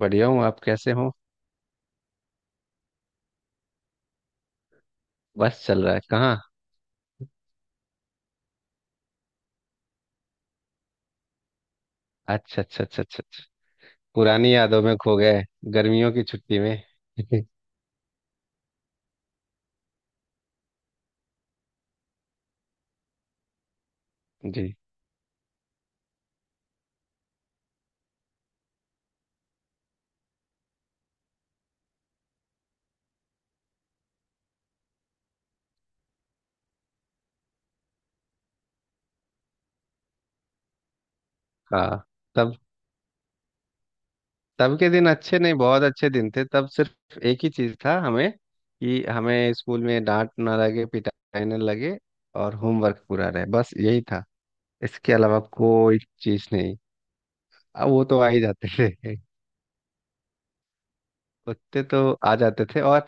बढ़िया हूँ। आप कैसे हो? बस चल रहा है कहाँ? अच्छा अच्छा अच्छा अच्छा अच्छा। पुरानी यादों में खो गए। गर्मियों की छुट्टी में। जी। हाँ। तब तब के दिन अच्छे नहीं, बहुत अच्छे दिन थे। तब सिर्फ एक ही चीज था हमें कि हमें स्कूल में डांट ना लगे, पिटाई ना लगे, और होमवर्क पूरा रहे, बस यही था। इसके अलावा कोई चीज नहीं। अब वो तो आ ही जाते थे। लगते तो आ जाते थे। और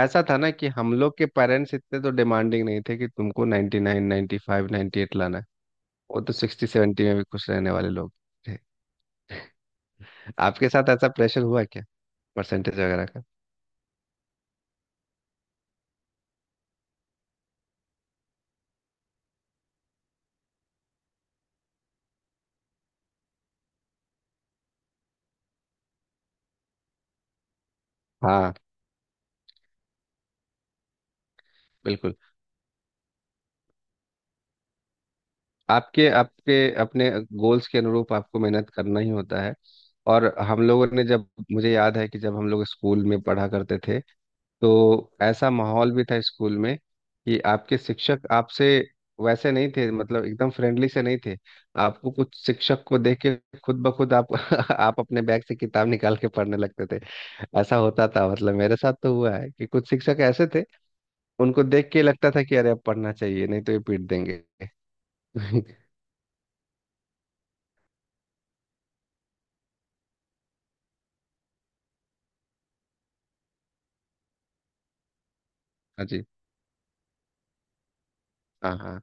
ऐसा था ना कि हम लोग के पेरेंट्स इतने तो डिमांडिंग नहीं थे कि तुमको 99 95 98 लाना है। वो तो 60 70 में भी खुश रहने वाले लोग थे। आपके साथ ऐसा प्रेशर हुआ क्या? परसेंटेज वगैरह का? हाँ। बिल्कुल। आपके आपके अपने गोल्स के अनुरूप आपको मेहनत करना ही होता है। और हम लोगों ने, जब मुझे याद है कि जब हम लोग स्कूल में पढ़ा करते थे तो ऐसा माहौल भी था स्कूल में कि आपके शिक्षक आपसे वैसे नहीं थे। मतलब एकदम फ्रेंडली से नहीं थे। आपको कुछ शिक्षक को देख के खुद ब खुद आप आप अपने बैग से किताब निकाल के पढ़ने लगते थे। ऐसा होता था, मतलब मेरे साथ तो हुआ है कि कुछ शिक्षक ऐसे थे, उनको देख के लगता था कि अरे अब पढ़ना चाहिए नहीं तो ये पीट देंगे। हाँ। जी। हाँ हाँ।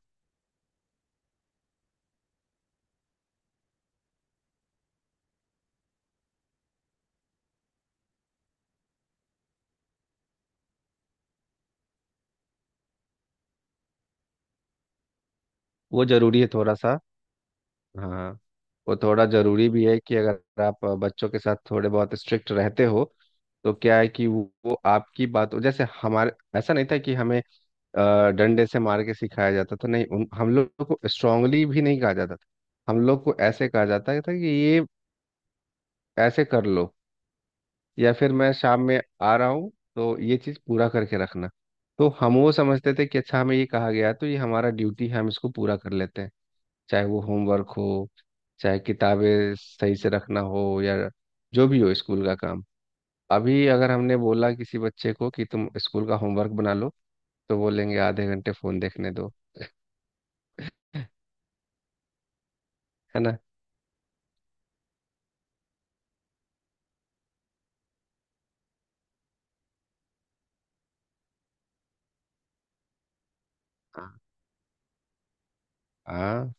वो जरूरी है थोड़ा सा। हाँ। वो थोड़ा जरूरी भी है कि अगर आप बच्चों के साथ थोड़े बहुत स्ट्रिक्ट रहते हो, तो क्या है कि वो आपकी बात जैसे हमारे। ऐसा नहीं था कि हमें डंडे से मार के सिखाया जाता था। नहीं हम लोग को स्ट्रांगली भी नहीं कहा जाता था। हम लोग को ऐसे कहा जाता था कि ये ऐसे कर लो, या फिर मैं शाम में आ रहा हूँ तो ये चीज़ पूरा करके रखना। तो हम वो समझते थे कि अच्छा हमें ये कहा गया है, तो ये हमारा ड्यूटी है, हम इसको पूरा कर लेते हैं, चाहे वो होमवर्क हो, चाहे किताबें सही से रखना हो, या जो भी हो स्कूल का काम। अभी अगर हमने बोला किसी बच्चे को कि तुम स्कूल का होमवर्क बना लो, तो बोलेंगे आधे घंटे फोन देखने दो। है ना? हाँ हाँ।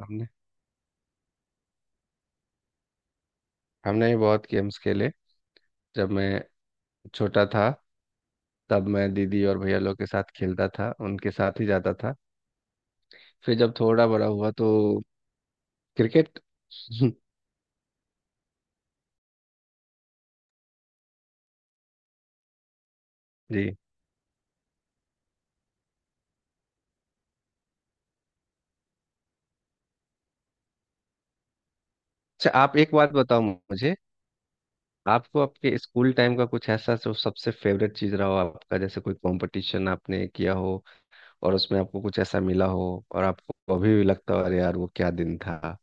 हमने हमने भी बहुत गेम्स खेले। जब मैं छोटा था तब मैं दीदी और भैया लोग के साथ खेलता था, उनके साथ ही जाता था। फिर जब थोड़ा बड़ा हुआ तो क्रिकेट। जी। अच्छा आप एक बात बताओ मुझे। आपको आपके स्कूल टाइम का कुछ ऐसा जो सबसे फेवरेट चीज रहा हो आपका, जैसे कोई कंपटीशन आपने किया हो और उसमें आपको कुछ ऐसा मिला हो और आपको अभी भी लगता हो अरे यार वो क्या दिन था?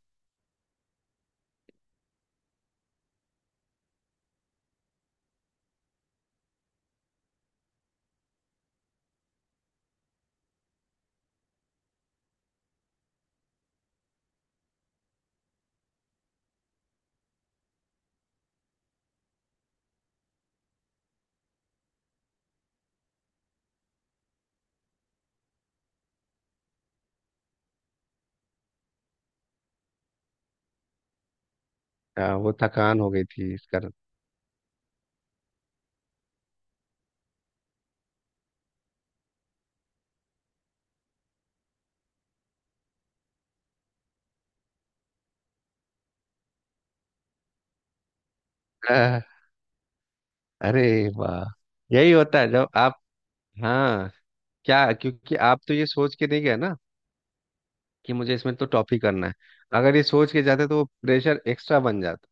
वो थकान हो गई थी इस कारण। आह, अरे वाह। यही होता है जब आप। हाँ। क्या, क्योंकि आप तो ये सोच के नहीं गए ना कि मुझे इसमें तो टॉप ही करना है। अगर ये सोच के जाते तो वो प्रेशर एक्स्ट्रा बन जाता।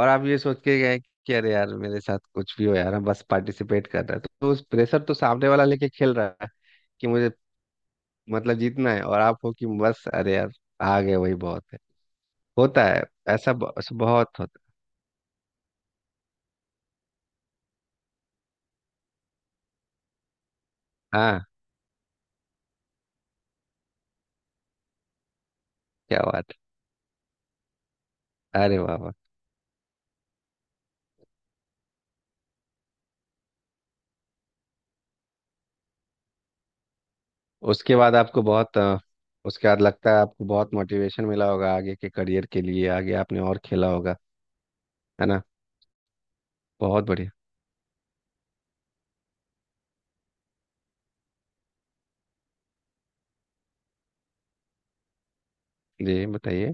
और आप ये सोच के गए कि अरे यार मेरे साथ कुछ भी हो, यार हम बस पार्टिसिपेट कर रहे हैं, तो उस प्रेशर तो सामने वाला लेके खेल रहा है कि मुझे मतलब जीतना है, और आप हो कि बस अरे यार आ गए वही बहुत है। होता है। ऐसा बहुत होता है। हाँ। क्या बात है? अरे वाह वाह। उसके बाद आपको बहुत अ, उसके बाद लगता है आपको बहुत मोटिवेशन मिला होगा आगे के करियर के लिए, आगे आपने और खेला होगा। है ना? बहुत बढ़िया। जी बताइए।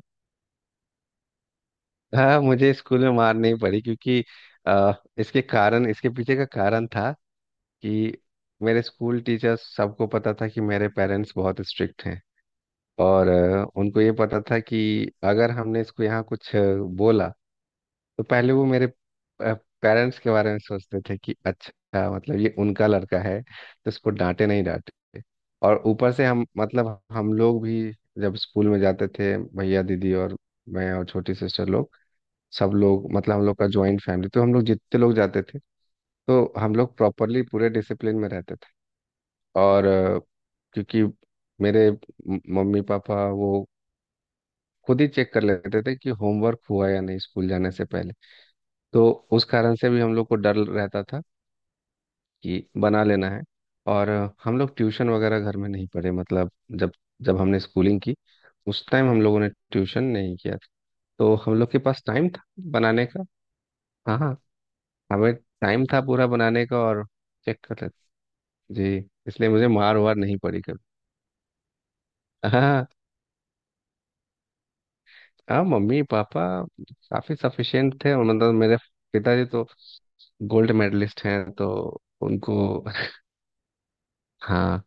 हाँ मुझे स्कूल में मार नहीं पड़ी क्योंकि अ, इसके पीछे का कारण था कि मेरे स्कूल टीचर्स सबको पता था कि मेरे पेरेंट्स बहुत स्ट्रिक्ट हैं। और उनको ये पता था कि अगर हमने इसको यहाँ कुछ बोला तो पहले वो मेरे पेरेंट्स के बारे में सोचते थे कि अच्छा मतलब ये उनका लड़का है, तो इसको डांटे नहीं डांटे। और ऊपर से हम, मतलब हम लोग भी जब स्कूल में जाते थे, भैया दीदी और मैं और छोटी सिस्टर लोग, सब लोग, मतलब हम लोग का ज्वाइंट फैमिली, तो हम लोग जितने लोग जाते थे, तो हम लोग प्रॉपरली पूरे डिसिप्लिन में रहते थे। और क्योंकि मेरे मम्मी पापा वो खुद ही चेक कर लेते थे कि होमवर्क हुआ या नहीं स्कूल जाने से पहले। तो उस कारण से भी हम लोग को डर रहता था कि बना लेना है। और हम लोग ट्यूशन वगैरह घर में नहीं पढ़े, मतलब जब जब हमने स्कूलिंग की उस टाइम हम लोगों ने ट्यूशन नहीं किया था। तो हम लोग के पास टाइम था बनाने का। हाँ हाँ। हमें टाइम था पूरा बनाने का, और चेक कर लेते। जी। इसलिए मुझे मार वार नहीं पड़ी कभी। हाँ हाँ। हाँ मम्मी पापा काफी सफिशिएंट थे, और मतलब मेरे पिताजी तो गोल्ड मेडलिस्ट हैं, तो उनको हाँ।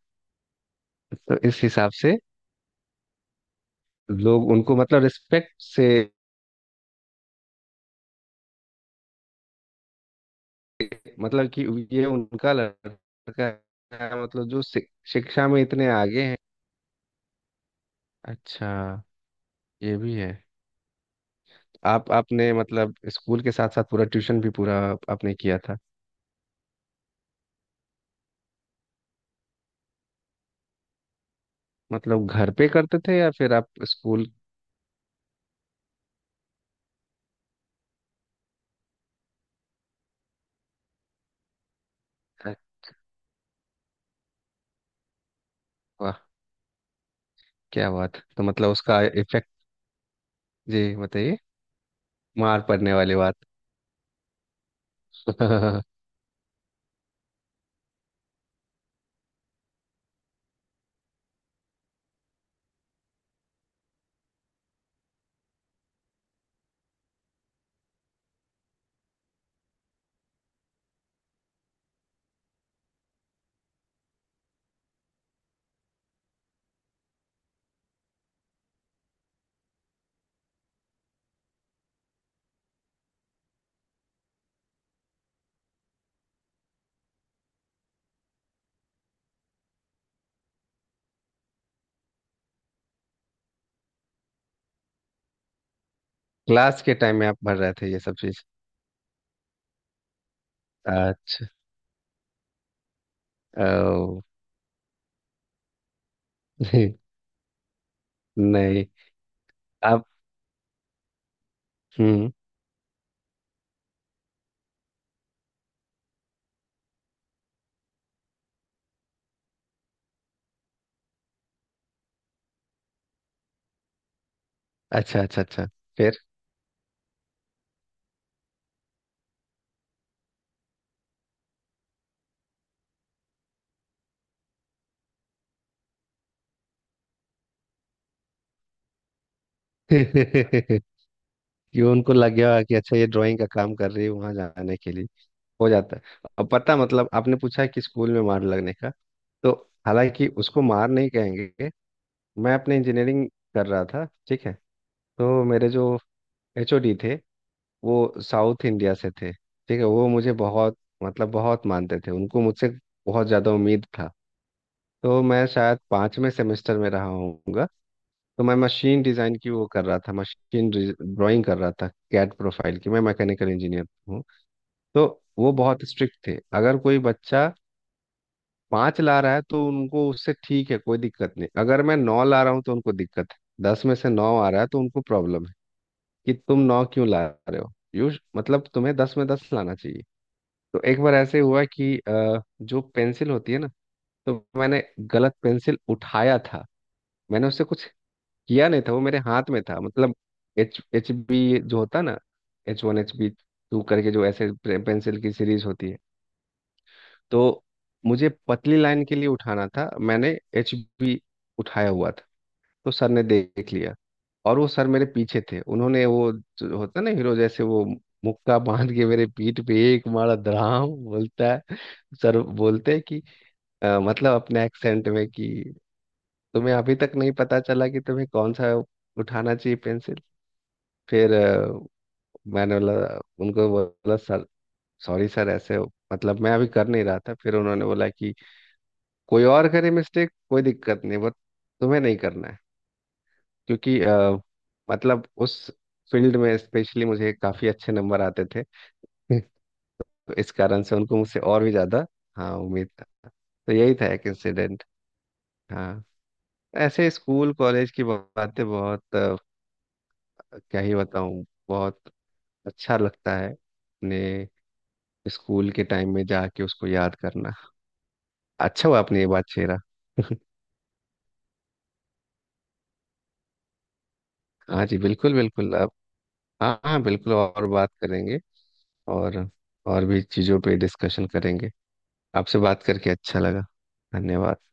तो इस हिसाब से लोग उनको मतलब रिस्पेक्ट से, मतलब कि ये उनका लड़का है, मतलब जो शिक्षा में इतने आगे हैं। अच्छा ये भी है। आप आपने मतलब स्कूल के साथ साथ पूरा ट्यूशन भी पूरा आपने किया था। मतलब घर पे करते थे या फिर आप स्कूल? वाह क्या बात। तो मतलब उसका इफेक्ट। जी बताइए। मार पड़ने वाली बात। क्लास के टाइम में आप भर रहे थे ये सब चीज? अच्छा। ओ। नहीं। आप। हम्म। अच्छा अच्छा अच्छा। फिर? कि उनको लग गया होगा कि अच्छा ये ड्राइंग का काम कर रही है वहां जाने के लिए। हो जाता है। अब पता, मतलब आपने पूछा कि स्कूल में मार लगने का, तो हालांकि उसको मार नहीं कहेंगे। मैं अपने इंजीनियरिंग कर रहा था, ठीक है। तो मेरे जो एचओडी थे वो साउथ इंडिया से थे, ठीक है। वो मुझे बहुत मतलब बहुत मानते थे, उनको मुझसे बहुत ज़्यादा उम्मीद था। तो मैं शायद पाँचवें सेमेस्टर में रहा होऊंगा। तो मैं मशीन डिज़ाइन की वो कर रहा था, मशीन ड्राइंग कर रहा था, कैट प्रोफाइल की। मैं मैकेनिकल इंजीनियर हूँ। तो वो बहुत स्ट्रिक्ट थे। अगर कोई बच्चा पाँच ला रहा है तो उनको उससे ठीक है, कोई दिक्कत नहीं। अगर मैं नौ ला रहा हूँ तो उनको दिक्कत है। दस में से नौ आ रहा है तो उनको प्रॉब्लम है कि तुम नौ क्यों ला रहे हो, यू मतलब तुम्हें दस में दस लाना चाहिए। तो एक बार ऐसे हुआ कि जो पेंसिल होती है ना, तो मैंने गलत पेंसिल उठाया था। मैंने उससे कुछ किया नहीं था, वो मेरे हाथ में था, मतलब एच एच बी जो होता ना, H one H B two करके जो ऐसे पेंसिल की सीरीज होती है। तो मुझे पतली लाइन के लिए उठाना था, मैंने एच बी उठाया हुआ था। तो सर ने देख लिया और वो सर मेरे पीछे थे, उन्होंने वो जो होता ना हीरो जैसे वो मुक्का बांध के मेरे पीठ पे एक मारा, धड़ाम बोलता है। सर बोलते हैं कि मतलब अपने एक्सेंट में कि तुम्हें अभी तक नहीं पता चला कि तुम्हें कौन सा उठाना चाहिए पेंसिल। फिर मैंने बोला, उनको बोला सर, सॉरी सर, ऐसे हो मतलब मैं अभी कर नहीं रहा था। फिर उन्होंने बोला कि कोई और करे मिस्टेक कोई दिक्कत नहीं बट तुम्हें नहीं करना है, क्योंकि मतलब उस फील्ड में स्पेशली मुझे काफ़ी अच्छे नंबर आते थे। तो इस कारण से उनको मुझसे और भी ज़्यादा हाँ उम्मीद था। तो यही था एक इंसिडेंट। हाँ। ऐसे स्कूल कॉलेज की बातें बहुत क्या ही बताऊं, बहुत अच्छा लगता है अपने स्कूल के टाइम में जाके उसको याद करना। अच्छा हुआ आपने ये बात छेड़ा। हाँ जी, बिल्कुल बिल्कुल। अब हाँ हाँ, बिल्कुल और बात करेंगे। और और भी चीज़ों पे डिस्कशन करेंगे। आपसे बात करके अच्छा लगा। धन्यवाद।